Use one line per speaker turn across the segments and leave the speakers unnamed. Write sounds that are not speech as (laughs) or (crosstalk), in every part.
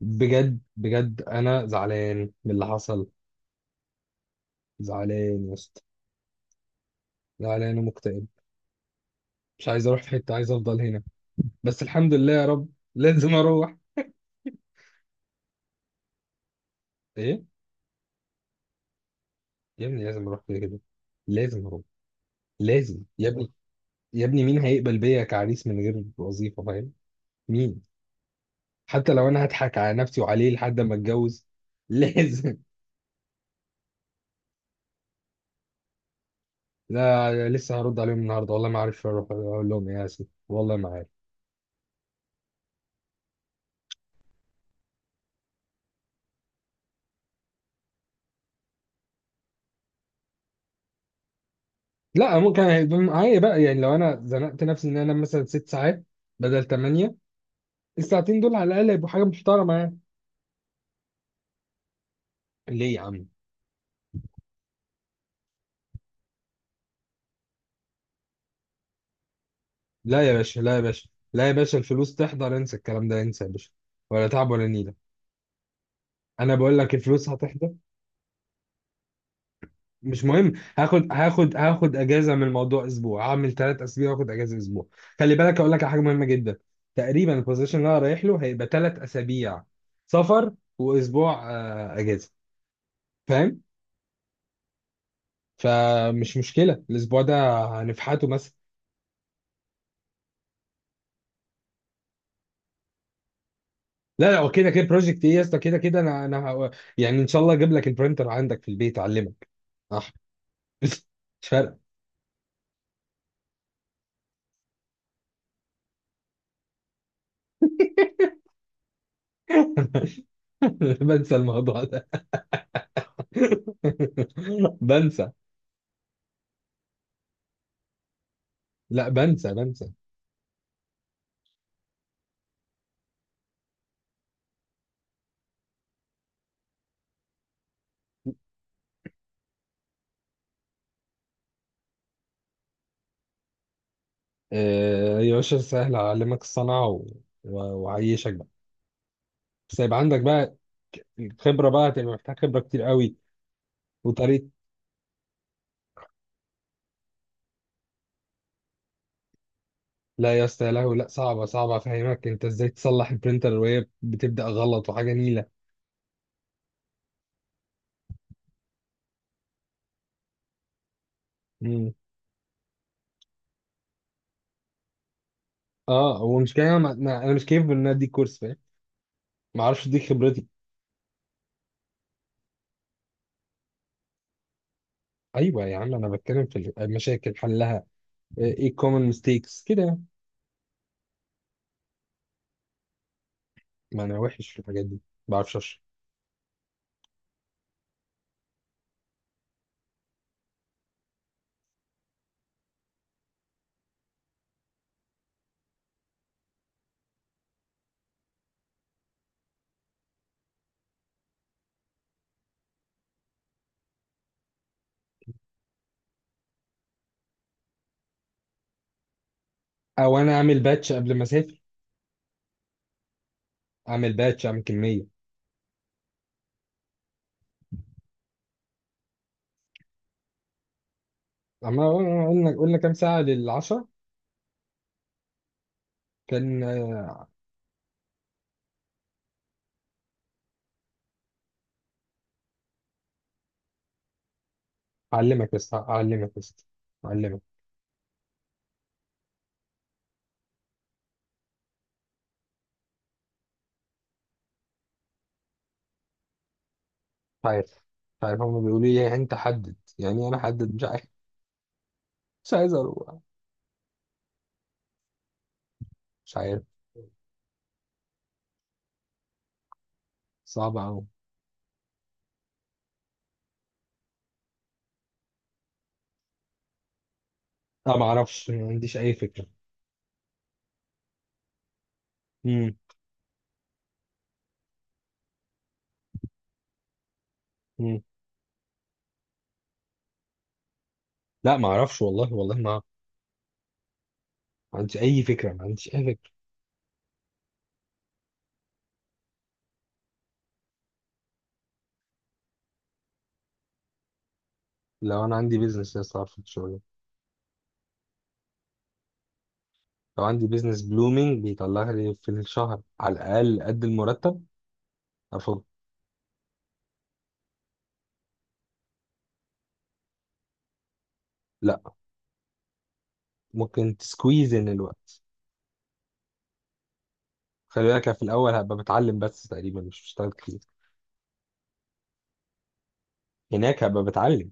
بجد بجد انا زعلان من اللي حصل. زعلان يا اسطى. زعلان ومكتئب. مش عايز اروح في حته، عايز افضل هنا. بس الحمد لله يا رب. لازم اروح. ايه؟ يا ابني لازم اروح كده كده. لازم اروح. لازم يا ابني. يا ابني مين هيقبل بيا كعريس من غير وظيفه، فاهم؟ مين؟ حتى لو انا هضحك على نفسي وعليه لحد ما اتجوز. (laughs) لازم. لا، لسه هرد عليهم النهارده، والله ما عارف اروح اقول لهم ايه، يا اسف والله ما عارف. لا، ممكن هيبقى معايا بقى، يعني لو انا زنقت نفسي ان انا مثلا ست ساعات بدل ثمانية، الساعتين دول على الاقل هيبقوا حاجه محترمه يعني. ليه يا عم؟ لا يا باشا، لا يا باشا، لا يا باشا، الفلوس تحضر، انسى الكلام ده، انسى يا باشا. ولا تعب ولا نيله. انا بقول لك الفلوس هتحضر. مش مهم. هاخد اجازه من الموضوع، اسبوع هعمل ثلاث اسابيع واخد اجازه اسبوع. خلي بالك اقول لك على حاجه مهمه جدا. تقريبا البوزيشن اللي انا رايح له هيبقى ثلاث اسابيع سفر واسبوع اجازه، فاهم؟ فمش مشكله الاسبوع ده، هنفحته مثلا. لا لا، هو كده كده، بروجكت ايه يا اسطى؟ كده كده انا يعني ان شاء الله اجيب لك البرينتر عندك في البيت اعلمك، صح؟ (laughs) مش فارقه. (laughs) بنسى الموضوع ده. (laughs) بنسى. لا، بنسى بنسى. آه يا باشا، سهل اعلمك الصنعه و... وعيشك بقى. بس هيبقى عندك بقى الخبره، بقى هتبقى محتاج خبره كتير قوي وطريقه. لا يا اسطى، يا لهوي، لا، صعبه صعبه افهمك انت ازاي تصلح البرينتر وهي بتبدا غلط وحاجه نيله. اه، هو مش كده، انا انا مش كيف ان انا اديك كورس، فاهم؟ ما اعرفش اديك خبرتي. ايوه يا عم، انا بتكلم في المشاكل حلها، ايه الكومن ميستيكس كده يعني. ما انا وحش في الحاجات دي، ما بعرفش اشرح. او انا اعمل باتش قبل ما اسافر، اعمل باتش اعمل كميه. اما قلنا كام ساعه للعشرة؟ كان اعلمك بس، اعلمك بس، اعلمك. مش عارف. مش عارف، هم بيقولوا لي إيه؟ يعني انت حدد، يعني إيه انا حدد؟ مش عارف. مش عايز اروح. مش عارف، صعب قوي. لا، ما اعرفش، ما عنديش اي فكره. امم. لا ما اعرفش، والله والله ما ما عنديش اي فكره، ما عنديش اي فكره. لو انا عندي بيزنس لسه اعرف الشغل، لو عندي بيزنس بلومينج بيطلع لي في الشهر على الاقل قد المرتب، افضل. لا، ممكن تسكويز ان الوقت. خلي بالك، أنا في الاول هبقى بتعلم بس، تقريبا مش بشتغل كتير. هناك هبقى بتعلم،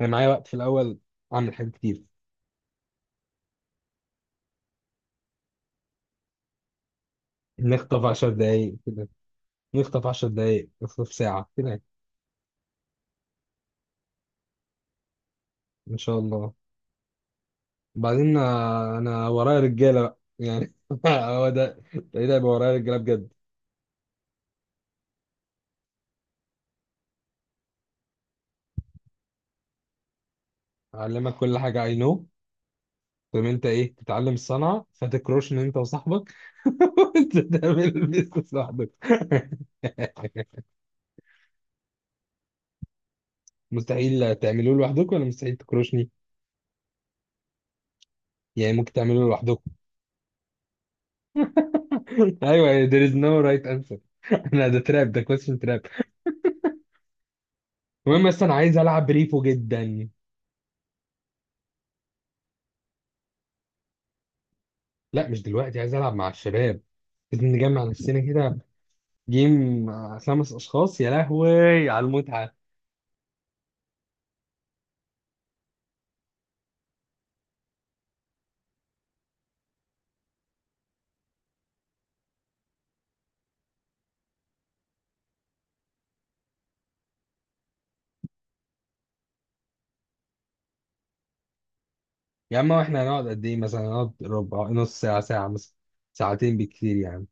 انا معايا وقت في الاول، اعمل حاجات كتير. نخطف 10 دقايق كده، نخطف 10 دقايق، نخطف ساعه كده. ان شاء الله. بعدين انا ورايا رجاله بقى يعني، (laughs) هو ده، ده هيبقى ورايا رجاله بجد. اعلمك كل حاجه، اي نو، تقوم انت ايه تتعلم الصنعه فتكروش ان انت وصاحبك (laughs) وانت تعمل البيزنس لوحدك. (laughs) مستحيل تعملوه لوحدكم ولا مستحيل تكروشني؟ يعني ممكن تعملوه لوحدكم. (laughs) ايوه، there is no right answer. (laughs) لا، ده تراب، ده question تراب. المهم، بس انا عايز العب بريفو جدا. لا مش دلوقتي، عايز العب مع الشباب، لازم نجمع نفسنا كده، جيم، خمس اشخاص، يا لهوي على المتعه. يا عم احنا هنقعد قد ايه؟ مثلا هنقعد ربع، نص ساعة، ساعة مثلا، ساعتين بالكتير يعني.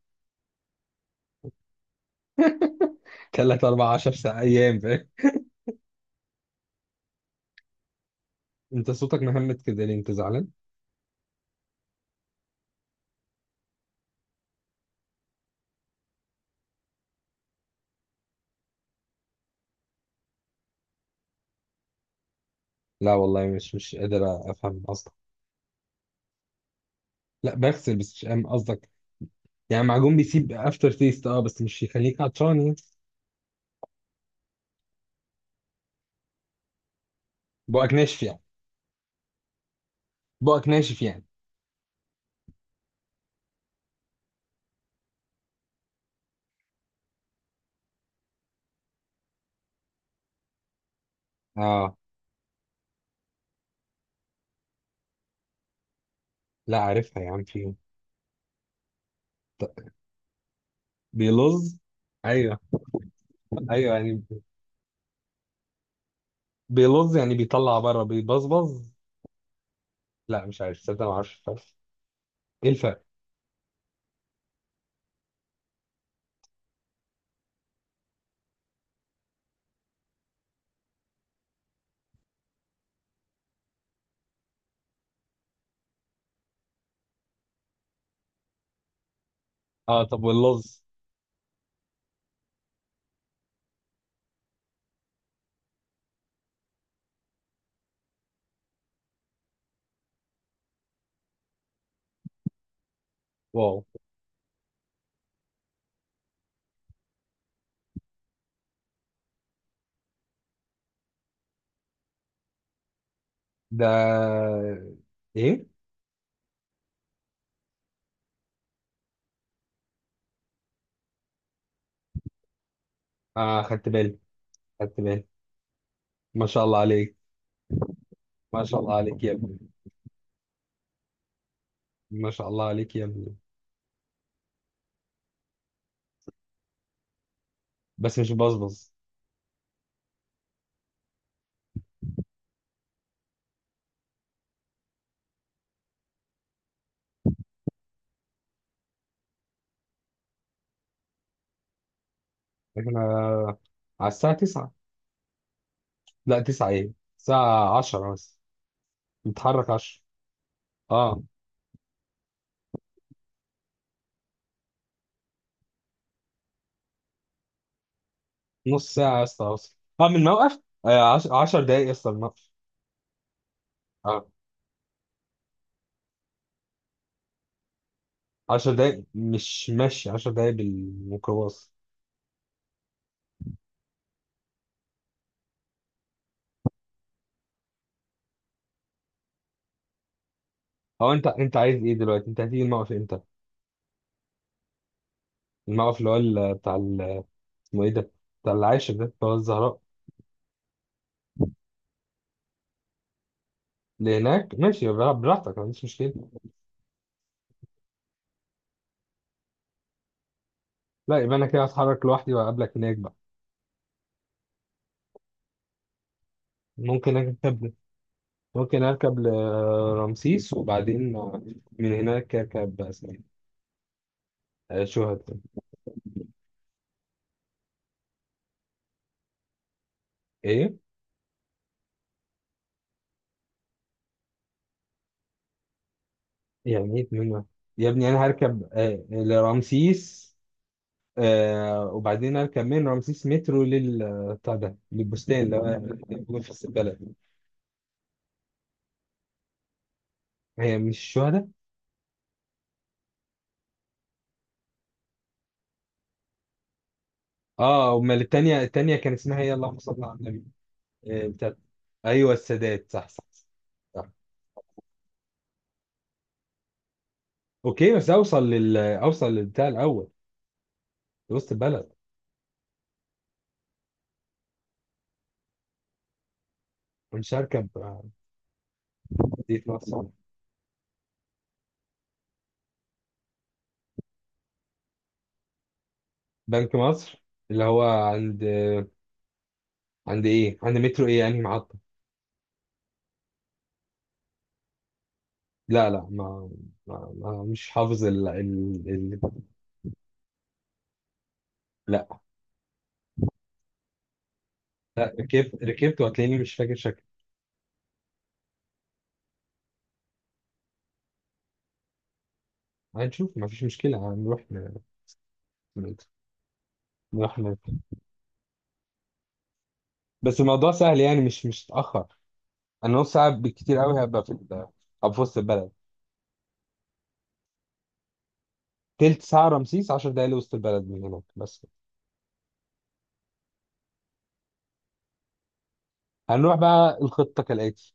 تلات أربع عشر ساعة أيام، فاهم؟ أنت صوتك مهمت كده، ليه أنت زعلان؟ لا والله، مش قادر أفهم قصدك. لا بغسل، بس مش فاهم قصدك. يعني معجون بيسيب أفتر تيست، أه بس مش يخليك عطشان يعني؟ بقك ناشف يعني؟ بقك ناشف يعني. أه. لا عارفها يا عم، في ط- بيلظ. أيوه. أيوه يعني. بيلظ يعني بيطلع بره، بيبظبظ. لا مش عارف صدق، ما أعرفش الفرق. إيه الفرق؟ أه، طب واللظ؟ واو. ده ايه؟ اه خدت بالي، خدت بالي. ما شاء الله عليك. ما شاء الله عليك يا ابني. ما شاء الله عليك يا ابني. بس مش بصبص. احنا على الساعة 9، لا 9 ايه، الساعة 10 بس، نتحرك 10. اه. نص ساعة يا اسطى اوصل، اه من الموقف. 10 دقايق يا اسطى من الموقف. اه. 10 دقايق مش ماشي، 10 دقايق بالميكروباص. هو انت عايز ايه دلوقتي؟ انت هتيجي الموقف امتى؟ الموقف اللي هو بتاع اسمه ايه ده، بتاع العاشر ده، بتاع الزهراء. لهناك ماشي، يبقى براحتك، ما عنديش مشكلة. لا، يبقى أنا كده هتحرك لوحدي وأقابلك هناك بقى. ممكن أركب، ممكن أركب لرمسيس، وبعدين من هناك أركب أسماء. شوهد. إيه؟ يعني إيه من؟ يا ابني أنا هركب لرمسيس، وبعدين أركب من رمسيس مترو لل بتاع ده، للبستان اللي هو موجود في البلد. هي مش الشهداء؟ اه، امال التانية، التانية كان اسمها ايه؟ اللهم صل على النبي. بتاعت، ايوه السادات، صح صح صح. اوكي بس اوصل لل اوصل للبتاع الاول، لوسط البلد، مش هركب. مدينة نصر. بنك مصر. اللي هو عند، عند ايه، عند مترو ايه يعني، محطة. لا ما مش حافظ ال... لا. ركبت ركبت، وهتلاقيني مش فاكر شكل. هنشوف، ما فيش مشكلة، هنروح نروح بس الموضوع سهل يعني، مش اتأخر. انا نص ساعة بالكتير قوي هبقى في هبقى في وسط البلد. تلت ساعة رمسيس، 10 دقايق لوسط البلد من هناك بس. هنروح بقى، الخطة كالآتي،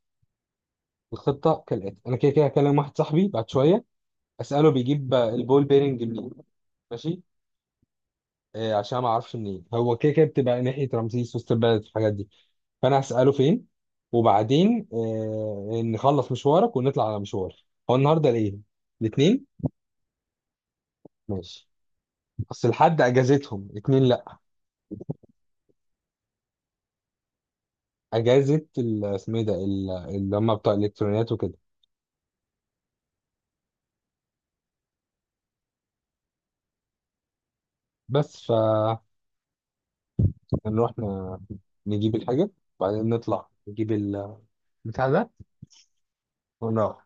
الخطه كالاتي، انا كده كده هكلم واحد صاحبي بعد شويه، اساله بيجيب البول بيرنج منين، ماشي؟ آه، عشان ما اعرفش منين، هو كده كده بتبقى ناحيه رمسيس، وسط البلد، الحاجات دي، فانا هساله فين. وبعدين آه، نخلص مشوارك ونطلع على مشوار. هو النهارده الايه، الاثنين؟ ماشي. اصل الحد اجازتهم الاثنين، لا، اجازه اسمه ايه ده، اللي هم بتوع الالكترونيات وكده. بس فنروح نجيب الحاجه، وبعدين نطلع نجيب البتاع ده، ونروح.